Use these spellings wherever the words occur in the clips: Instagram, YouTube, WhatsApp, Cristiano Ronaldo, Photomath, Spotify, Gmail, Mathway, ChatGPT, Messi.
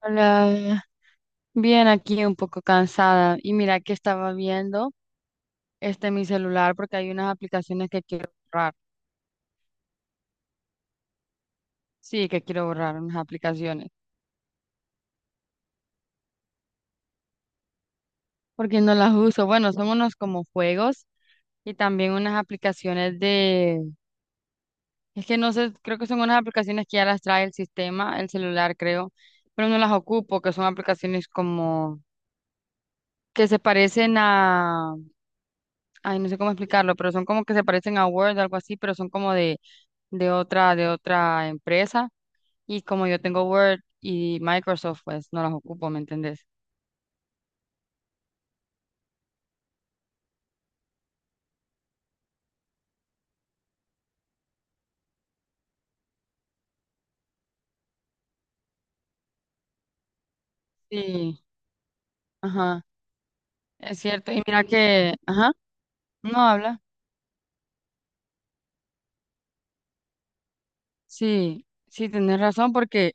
Hola, bien aquí un poco cansada y mira que estaba viendo este mi celular porque hay unas aplicaciones que quiero borrar. Sí, que quiero borrar unas aplicaciones porque no las uso. Bueno, son unos como juegos y también unas aplicaciones de es que no sé, creo que son unas aplicaciones que ya las trae el sistema, el celular creo, pero no las ocupo, que son aplicaciones como que se parecen a ay, no sé cómo explicarlo, pero son como que se parecen a Word, algo así, pero son como de otra, empresa, y como yo tengo Word y Microsoft, pues no las ocupo, ¿me entendés? Sí, ajá, es cierto. Y mira que, ajá, no habla. Sí, sí, tenés razón porque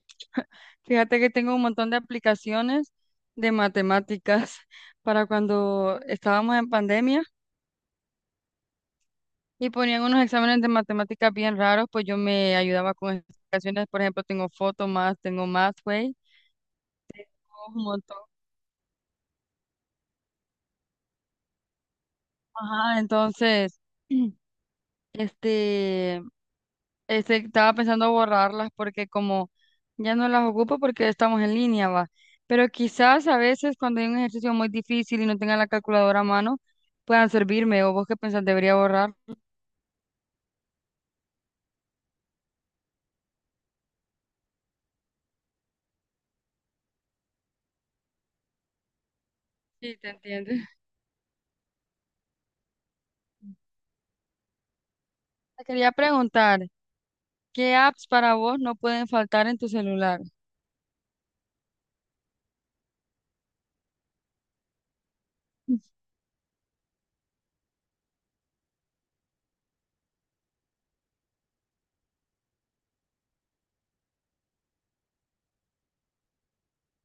fíjate que tengo un montón de aplicaciones de matemáticas para cuando estábamos en pandemia y ponían unos exámenes de matemáticas bien raros, pues yo me ayudaba con esas aplicaciones. Por ejemplo, tengo Photomath, tengo Mathway, un montón. Ajá, entonces... Este, estaba pensando borrarlas porque como ya no las ocupo porque estamos en línea, va. Pero quizás a veces cuando hay un ejercicio muy difícil y no tenga la calculadora a mano, puedan servirme. ¿O vos qué pensás? ¿Debería borrar? Sí, te entiendo. Te quería preguntar, ¿qué apps para vos no pueden faltar en tu celular?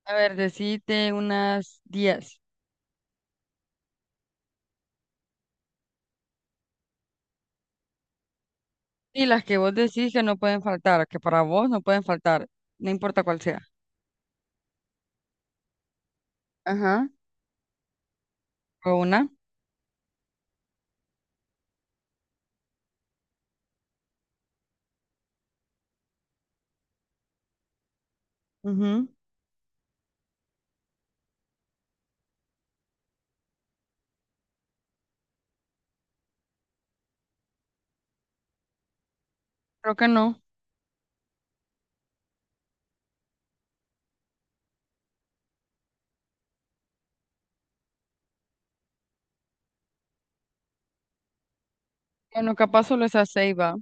A ver, decite unas 10. Y las que vos decís que no pueden faltar, que para vos no pueden faltar, no importa cuál sea. Ajá. ¿O una? Ujú. Creo que no. Bueno, capaz solo esa seis va.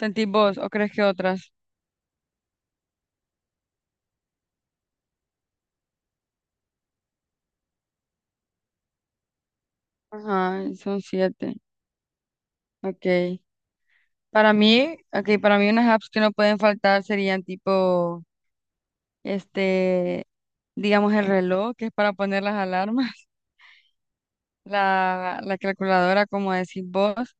¿Sentís vos o crees que otras? Ajá, son siete. Ok. Para mí, ok, para mí unas apps que no pueden faltar serían tipo, este, digamos el reloj, que es para poner las alarmas, la calculadora, como decís vos.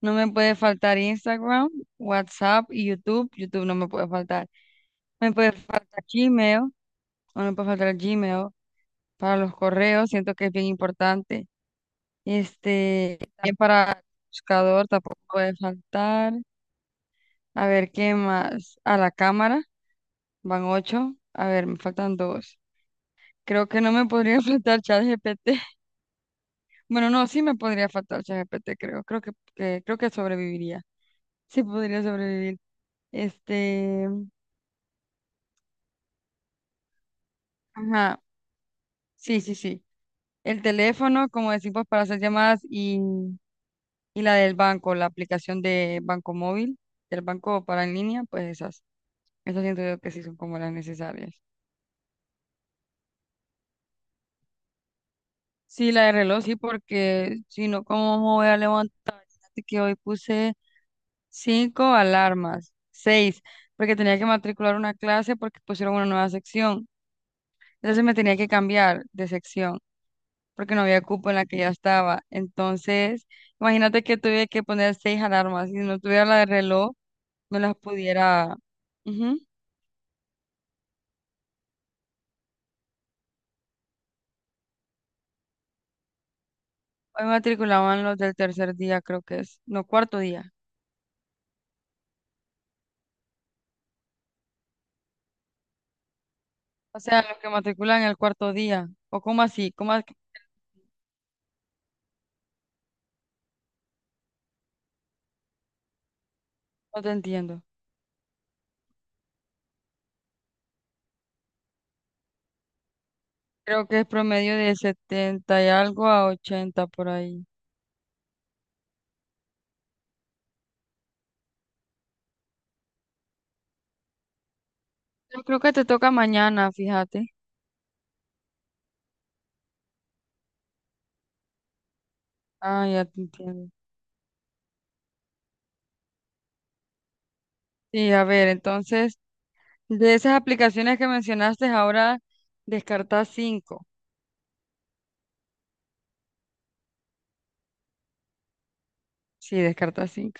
No me puede faltar Instagram, WhatsApp y YouTube. YouTube no me puede faltar. Me puede faltar Gmail, o no me puede faltar Gmail para los correos. Siento que es bien importante. Este, también para el buscador tampoco puede faltar. A ver, ¿qué más? A la cámara, van ocho. A ver, me faltan dos. Creo que no me podría faltar ChatGPT. Bueno, no, sí me podría faltar ChatGPT, creo. Creo creo que sobreviviría. Sí podría sobrevivir. Este, ajá, sí, sí, sí. El teléfono, como decimos, para hacer llamadas y la del banco, la aplicación de banco móvil, del banco para en línea, pues esas. Esas siento yo que sí son como las necesarias. Sí, la de reloj, sí, porque si no, ¿cómo me voy a levantar? Que hoy puse cinco alarmas, seis, porque tenía que matricular una clase porque pusieron una nueva sección. Entonces me tenía que cambiar de sección porque no había cupo en la que ya estaba. Entonces, imagínate que tuve que poner seis alarmas. Si no tuviera la de reloj, no las pudiera. Ujú. Hoy matriculaban los del tercer día, creo que es. No, cuarto día. O sea, los que matriculan el cuarto día. ¿O cómo así? No te entiendo. Creo que es promedio de 70 y algo a 80 por ahí. Yo creo que te toca mañana, fíjate. Ah, ya te entiendo. Sí, a ver, entonces, de esas aplicaciones que mencionaste, ahora descartas cinco. Sí, descartas cinco.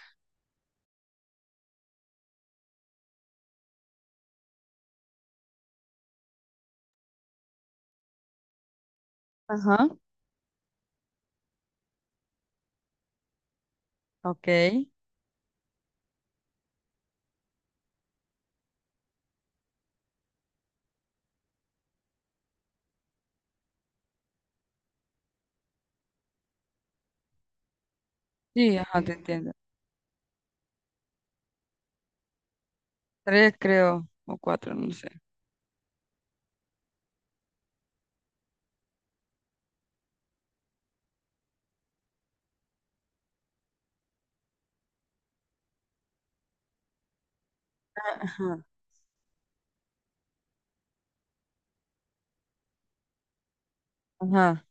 Ajá. Ok. Sí, ajá, te entiendo. Tres creo, o cuatro, no sé. Ajá. Ajá.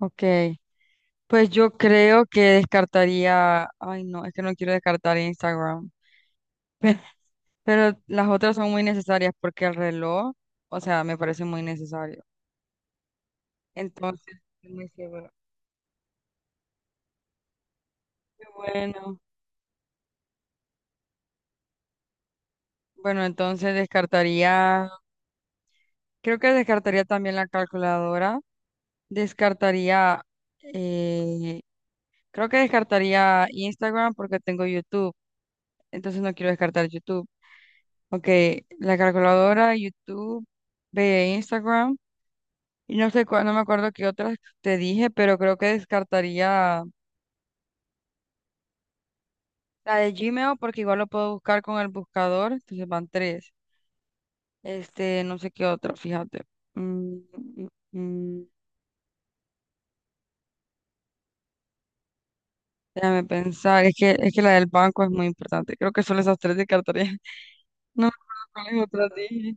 Ok. Pues yo creo que descartaría, ay no, es que no quiero descartar Instagram, pero las otras son muy necesarias porque el reloj, o sea, me parece muy necesario. Entonces, me sirve. Qué bueno, bueno, entonces descartaría, creo que descartaría también la calculadora, descartaría, eh, creo que descartaría Instagram porque tengo YouTube, entonces no quiero descartar YouTube. Ok, la calculadora, YouTube, ve Instagram. Y no sé cuál, no me acuerdo qué otras te dije, pero creo que descartaría la de Gmail porque igual lo puedo buscar con el buscador, entonces van tres. Este, no sé qué otra, fíjate. Mm, mm, mm, déjame pensar, es que la del banco es muy importante. Creo que solo esas tres descartaría. No me acuerdo cuáles otras dije.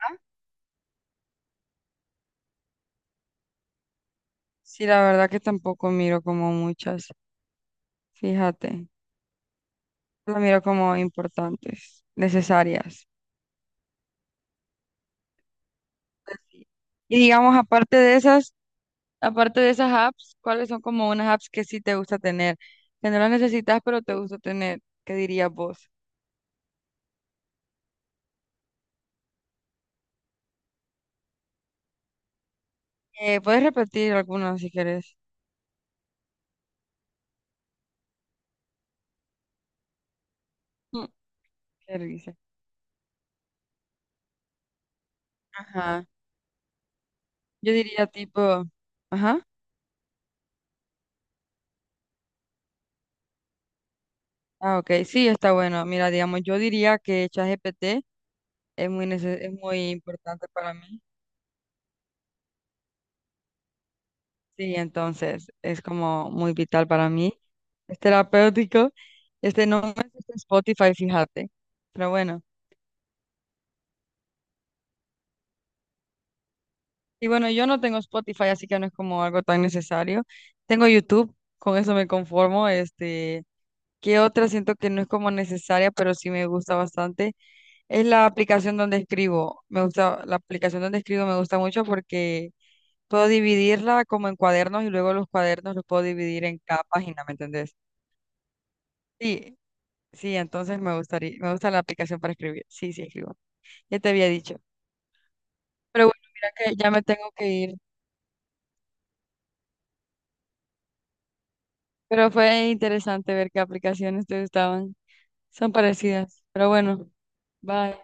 Ah, sí, la verdad que tampoco miro como muchas, fíjate. Las miro como importantes, necesarias. Así. Y digamos, aparte de esas. Aparte de esas apps, ¿cuáles son como unas apps que sí te gusta tener? Que no las necesitas, pero te gusta tener. ¿Qué dirías vos? Puedes repetir algunas si querés. Mm, ¿Qué risa? Ajá. Yo diría tipo, ajá. Ah, ok. Sí, está bueno. Mira, digamos, yo diría que ChatGPT es muy importante para mí. Sí, entonces es como muy vital para mí. Es terapéutico. Este no me gusta Spotify, fíjate. Pero bueno. Y bueno, yo no tengo Spotify, así que no es como algo tan necesario. Tengo YouTube, con eso me conformo. Este, ¿qué otra siento que no es como necesaria, pero sí me gusta bastante? Es la aplicación donde escribo. Me gusta, la aplicación donde escribo me gusta mucho porque puedo dividirla como en cuadernos y luego los cuadernos los puedo dividir en cada página, ¿me entendés? Sí, sí, entonces me gustaría, me gusta la aplicación para escribir. Sí, sí, escribo. Ya te había dicho. Pero bueno, mira que ya me tengo que ir. Pero fue interesante ver qué aplicaciones te gustaban. Son parecidas, pero bueno, bye.